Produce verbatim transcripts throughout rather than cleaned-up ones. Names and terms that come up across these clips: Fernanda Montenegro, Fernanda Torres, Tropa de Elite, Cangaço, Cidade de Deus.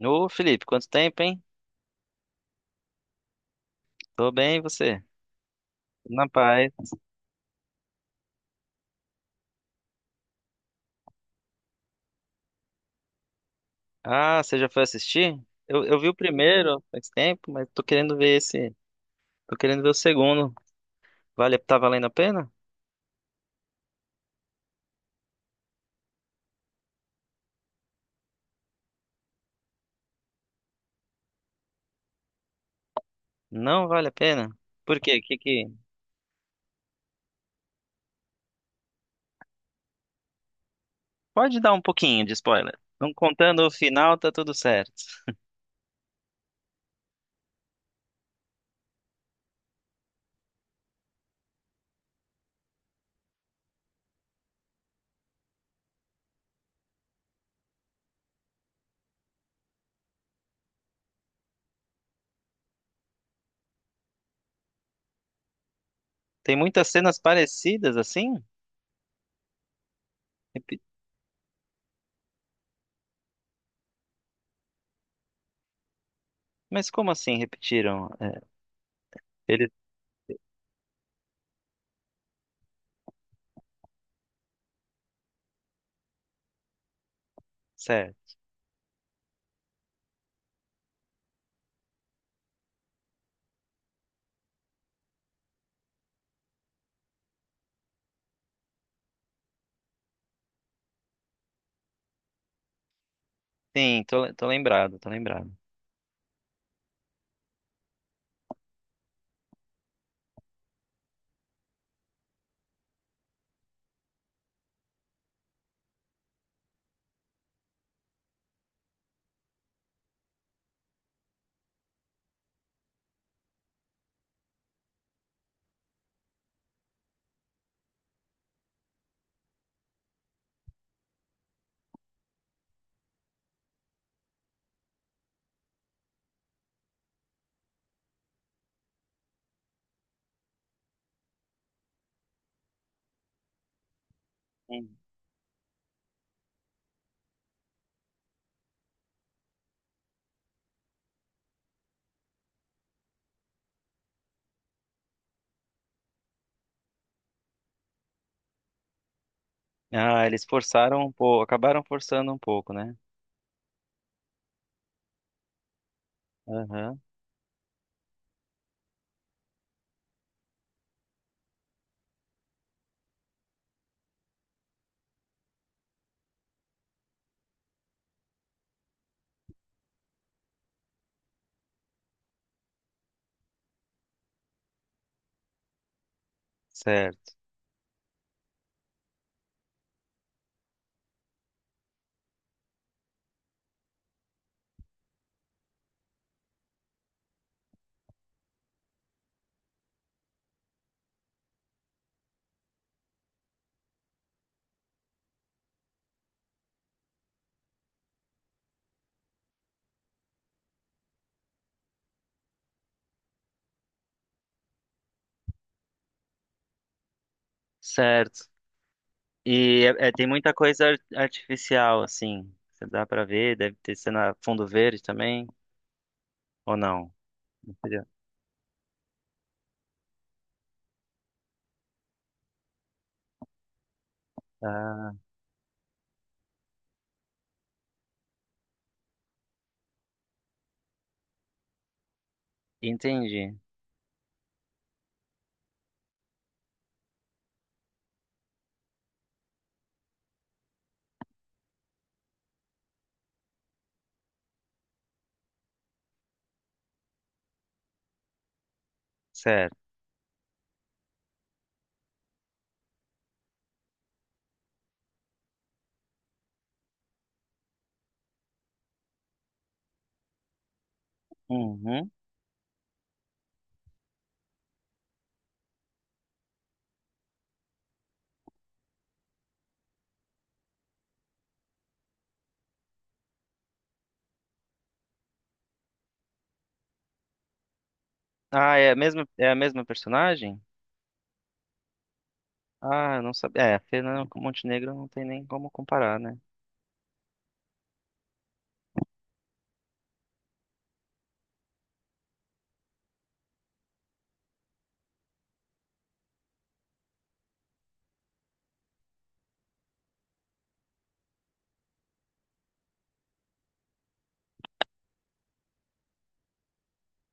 Ô, Felipe, quanto tempo, hein? Tô bem, e você? Na paz. Ah, você já foi assistir? Eu, eu vi o primeiro faz tempo, mas tô querendo ver esse. Tô querendo ver o segundo. Vale, tá valendo a pena? Não vale a pena? Por quê? Que que... Pode dar um pouquinho de spoiler. Não contando o final, tá tudo certo. Tem muitas cenas parecidas assim? Repi- Mas como assim repetiram? É, eles. Certo. Sim, tô, tô lembrado, tô lembrado. Hum. Ah, eles forçaram um pouco, acabaram forçando um pouco, né? Aham. Certo, certo. E é- é, tem muita coisa ar- artificial, assim. Você dá pra ver, deve ter cena fundo verde também, ou não? Não. Ah, entendi. Certo. Uhum. Ah, é a mesma, é a mesma personagem? Ah, eu não sabia. É, a Fernanda Montenegro não tem nem como comparar, né?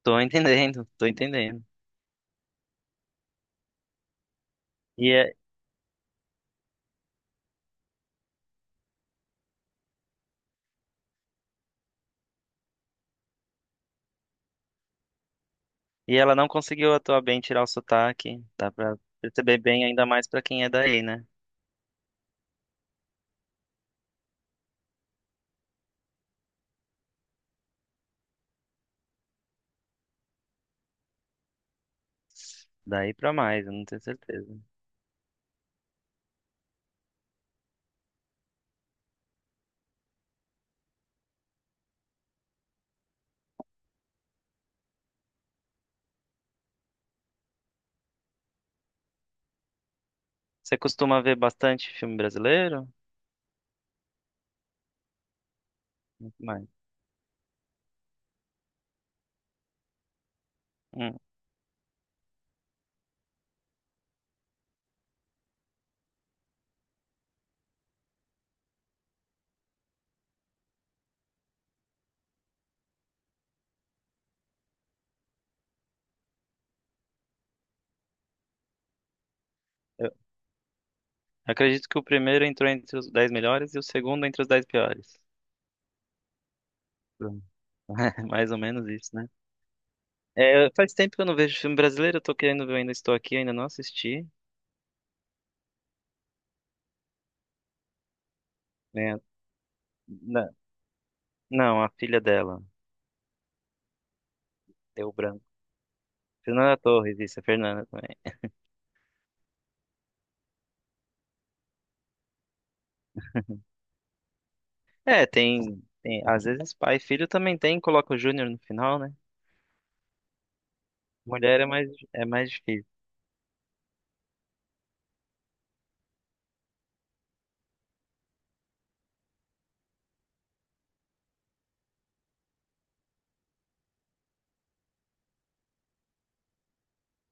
Tô entendendo, tô entendendo. E, é- e ela não conseguiu atuar bem, tirar o sotaque. Dá pra perceber bem, ainda mais pra quem é daí, né? Daí pra mais, eu não tenho certeza. Você costuma ver bastante filme brasileiro? Mas, hum, eu acredito que o primeiro entrou entre os dez melhores e o segundo entre os dez piores. Pronto. Mais ou menos isso, né? É, faz tempo que eu não vejo filme brasileiro, eu tô querendo ver, ainda estou aqui, ainda não assisti. Né? Na- Não, a filha dela, deu branco. Fernanda Torres, isso, a Fernanda também. É, tem, tem, às vezes pai e filho também tem, coloca o Júnior no final, né? Mulher é mais, é mais difícil.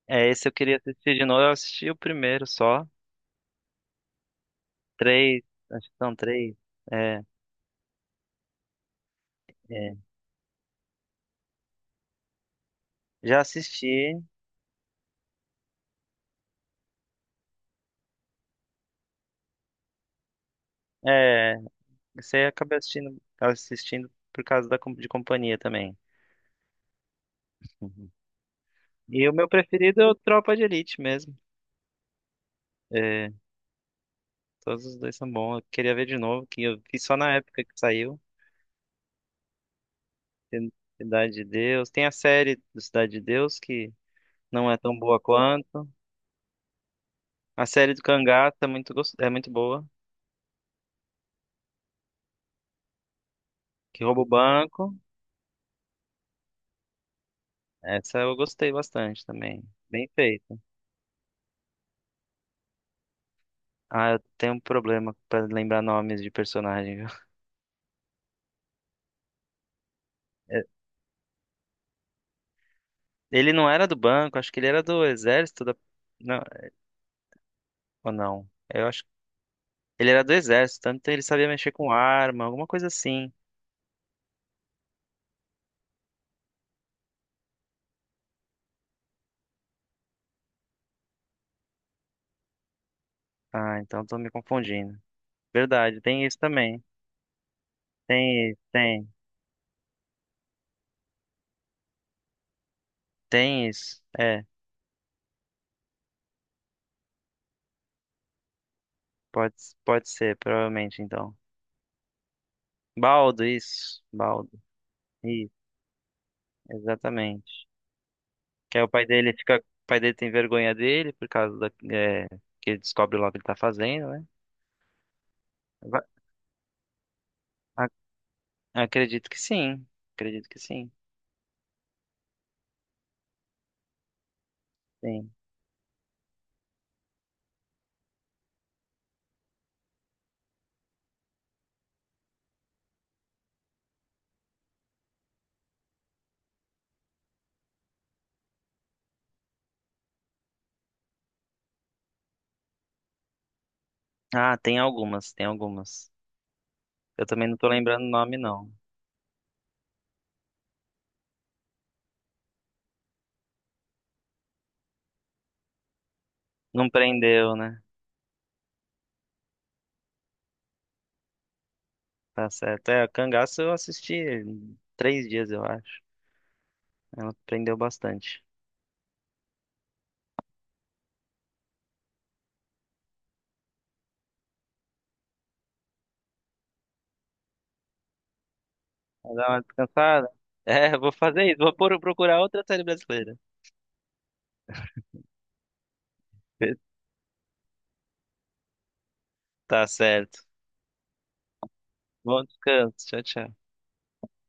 É, esse eu queria assistir de novo, eu assisti o primeiro só. Três, acho que são três. É, é. Já assisti. É, você, acabei assistindo, assistindo por causa da, com- de companhia também. Uhum. E o meu preferido é o Tropa de Elite mesmo. É, todos os dois são bons. Eu queria ver de novo, que eu vi só na época que saiu. Tem Cidade de Deus. Tem a série do Cidade de Deus, que não é tão boa quanto. A série do Cangaço é muito, gos- é muito boa, que rouba o banco. Essa eu gostei bastante também. Bem feita. Ah, eu tenho um problema pra lembrar nomes de personagem, viu? É, ele não era do banco, acho que ele era do exército da... Não, ou não? Eu acho que ele era do exército, tanto ele sabia mexer com arma, alguma coisa assim. Ah, então tô me confundindo. Verdade, tem isso também. Tem, isso, tem, tem isso. É, pode, pode ser, provavelmente, então. Baldo, isso. Baldo, isso, exatamente. Que aí o pai dele fica... O pai dele tem vergonha dele por causa da... É, que ele descobre lá o que ele tá fazendo, né? Va- Acredito que sim. Acredito que sim. Sim. Ah, tem algumas, tem algumas. Eu também não tô lembrando o nome, não. Não prendeu, né? Tá certo. É, Cangaço eu assisti em três dias, eu acho. Ela prendeu bastante. Vou dar uma descansada? É, eu vou fazer isso. Vou por- procurar outra série brasileira. Tá certo. Bom descanso. Tchau, tchau.